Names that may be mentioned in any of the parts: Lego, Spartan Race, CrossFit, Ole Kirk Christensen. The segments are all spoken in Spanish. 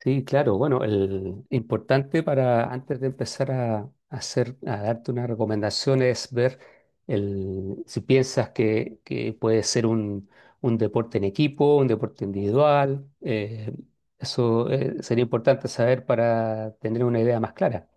Sí, claro. Bueno, el importante para antes de empezar a darte una recomendación es ver si piensas que puede ser un deporte en equipo, un deporte individual. Eso sería importante saber para tener una idea más clara.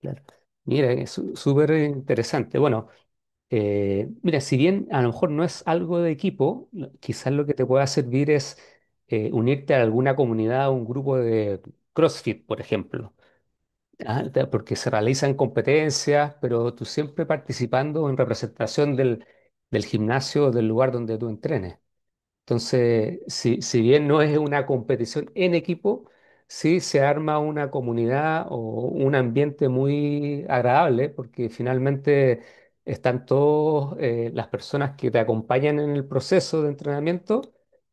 Claro. Mira, es súper interesante. Bueno, mira, si bien a lo mejor no es algo de equipo, quizás lo que te pueda servir es unirte a alguna comunidad, un grupo de CrossFit, por ejemplo. Porque se realizan competencias, pero tú siempre participando en representación del gimnasio, del lugar donde tú entrenes. Entonces, si bien no es una competición en equipo, sí se arma una comunidad o un ambiente muy agradable porque finalmente están todas las personas que te acompañan en el proceso de entrenamiento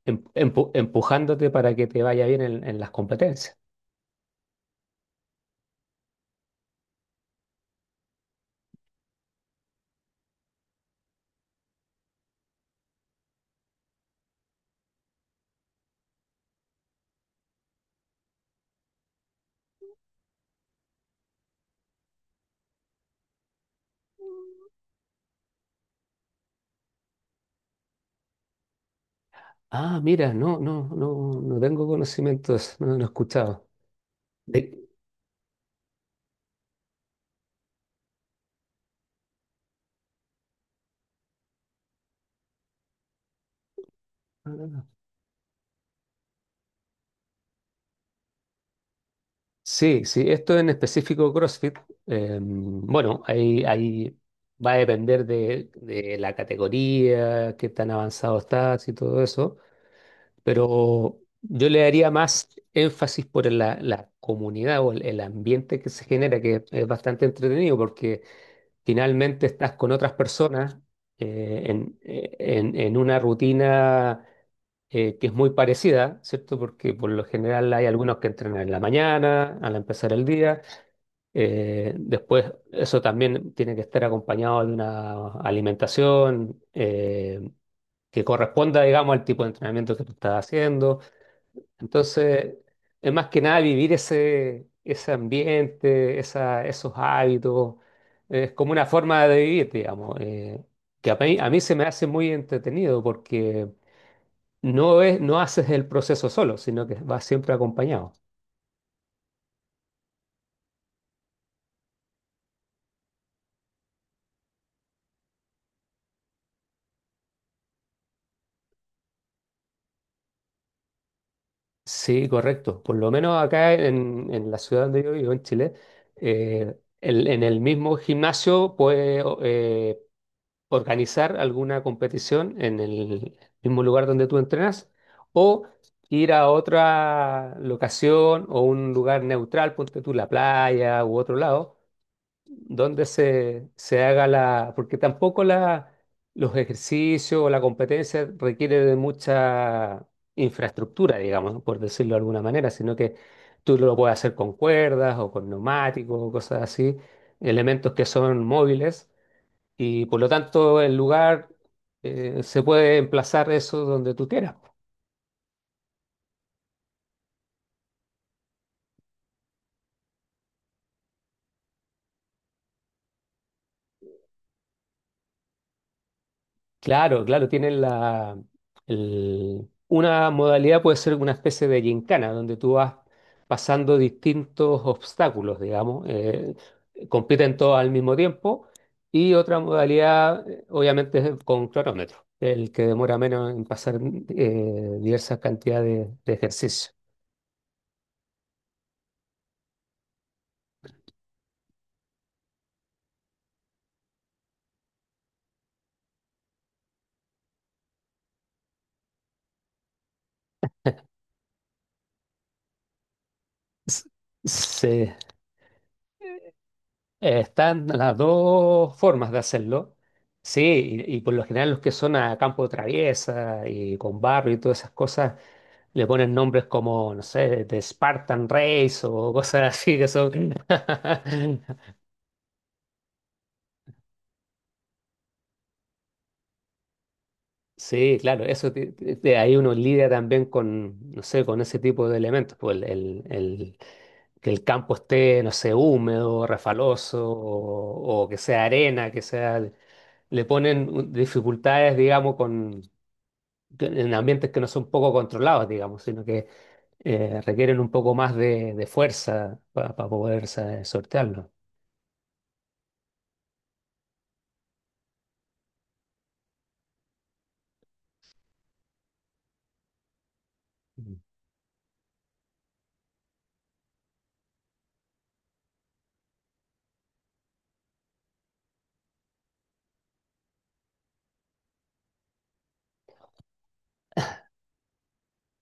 empujándote para que te vaya bien en las competencias. Ah, mira, no, no, no, no tengo conocimientos, no, no he escuchado. De- Sí, sí, esto en específico CrossFit. Bueno, ahí va a depender de la categoría, qué tan avanzado estás y todo eso, pero yo le daría más énfasis por la comunidad o el ambiente que se genera, que es bastante entretenido porque finalmente estás con otras personas en una rutina que es muy parecida, ¿cierto? Porque por lo general hay algunos que entrenan en la mañana, al empezar el día. Después, eso también tiene que estar acompañado de una alimentación que corresponda, digamos, al tipo de entrenamiento que tú estás haciendo. Entonces, es más que nada vivir ese, ese ambiente, esos hábitos. Es como una forma de vivir, digamos. Que a mí se me hace muy entretenido porque no haces el proceso solo, sino que vas siempre acompañado. Sí, correcto. Por lo menos acá en la ciudad donde yo vivo, en Chile, en el mismo gimnasio puede organizar alguna competición en el mismo lugar donde tú entrenas o ir a otra locación o un lugar neutral, ponte tú la playa u otro lado, donde se haga porque tampoco los ejercicios o la competencia requiere de mucha infraestructura, digamos, ¿no? Por decirlo de alguna manera, sino que tú lo puedes hacer con cuerdas o con neumáticos o cosas así, elementos que son móviles y por lo tanto el lugar se puede emplazar eso donde tú quieras. Claro, claro, tienen una modalidad puede ser una especie de gincana, donde tú vas pasando distintos obstáculos, digamos. Compiten todos al mismo tiempo, y otra modalidad, obviamente, es con cronómetro, el que demora menos en pasar diversas cantidades de ejercicios. Sí, están las dos formas de hacerlo. Sí, y por lo general los que son a campo de traviesa y con barro y todas esas cosas le ponen nombres como, no sé, de Spartan Race o cosas así que son. Sí, claro, eso ahí uno lidia también con, no sé, con ese tipo de elementos, pues que el campo esté, no sé, húmedo, refaloso o que sea arena, que sea le ponen dificultades, digamos, con en ambientes que no son poco controlados, digamos, sino que requieren un poco más de fuerza para poder sortearlo. Mm.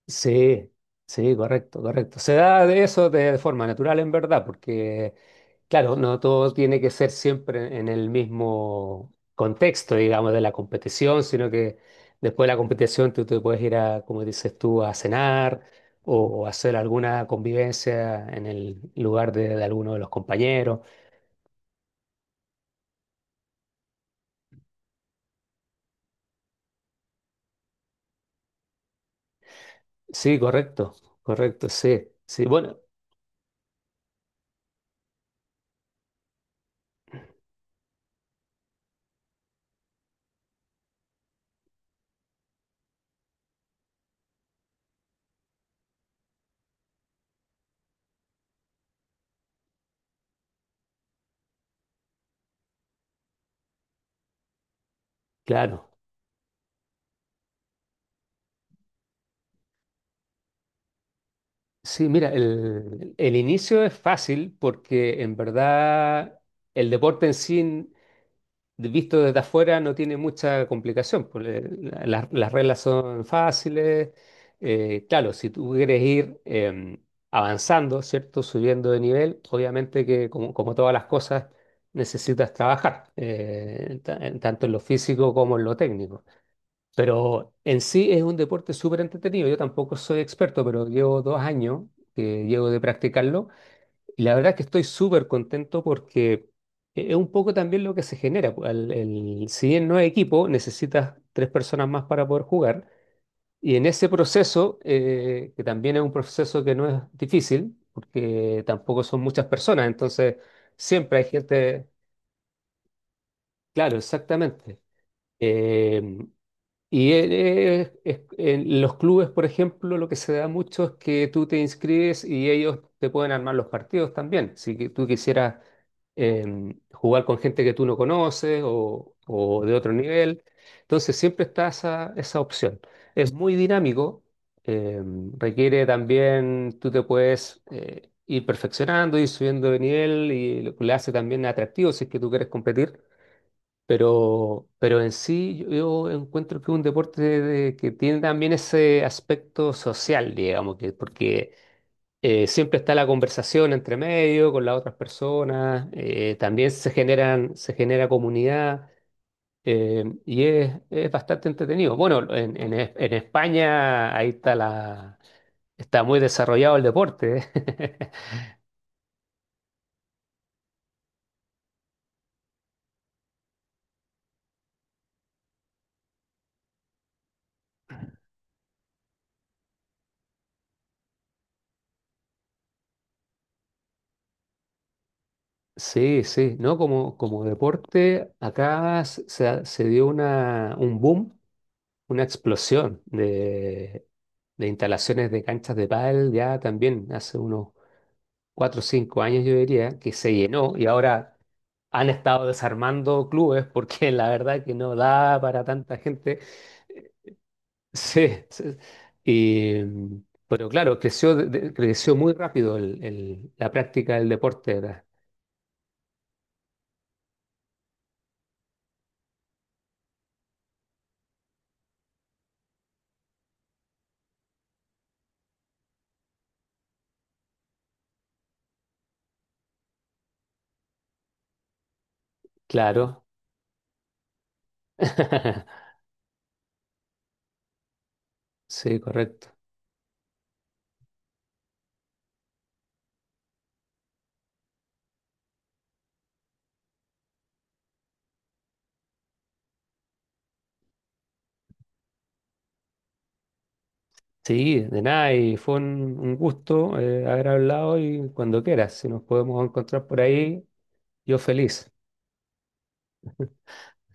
Sí, sí, correcto, correcto. Se da de eso de forma natural en verdad, porque, claro, no todo tiene que ser siempre en el mismo contexto, digamos, de la competición, sino que después de la competición tú te puedes ir a, como dices tú, a cenar o hacer alguna convivencia en el lugar de alguno de los compañeros. Sí, correcto, correcto, sí, sí, bueno, claro. Sí, mira, el inicio es fácil porque en verdad el deporte en sí, visto desde afuera, no tiene mucha complicación. Pues, las reglas son fáciles. Claro, si tú quieres ir avanzando, ¿cierto? Subiendo de nivel, obviamente que como, como todas las cosas necesitas trabajar, tanto en lo físico como en lo técnico. Pero en sí es un deporte súper entretenido. Yo tampoco soy experto, pero llevo 2 años que llevo de practicarlo. Y la verdad es que estoy súper contento porque e-, es un poco también lo que se genera. Pues, si bien no es equipo, necesitas 3 personas más para poder jugar. Y en ese proceso, que también es un proceso que no es difícil, porque tampoco son muchas personas, entonces siempre hay gente, claro, exactamente. Em, Y en los clubes, por ejemplo, lo que se da mucho es que tú te inscribes y ellos te pueden armar los partidos también. Si que tú quisieras jugar con gente que tú no conoces o de otro nivel, entonces siempre está esa, esa opción. Es muy dinámico. Requiere también, tú te puedes ir perfeccionando, ir subiendo de nivel y lo que le hace también atractivo si es que tú quieres competir. Pero en sí yo encuentro que es un deporte que tiene también ese aspecto social, digamos, que, porque siempre está la conversación entre medio con las otras personas. También se generan, se genera comunidad. Y es bastante entretenido. Bueno, en en España ahí está la, está muy desarrollado el deporte. ¿Eh? Sí, sí, ¿no? Como, como deporte, acá se, se dio una, un boom, una explosión de instalaciones de canchas de pádel ya también hace unos 4 o 5 años yo diría que se llenó y ahora han estado desarmando clubes porque la verdad que no da para tanta gente. Eh, Sí, sí. Y, mm, pero claro, creció, creció muy rápido la práctica del deporte, ¿verdad? Claro. Sí, correcto. Sí, de nada, y fue un gusto haber hablado y cuando quieras, si nos podemos encontrar por ahí, yo feliz.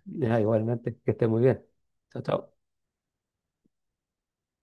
Ya, igualmente, que esté muy bien. Chao, chao.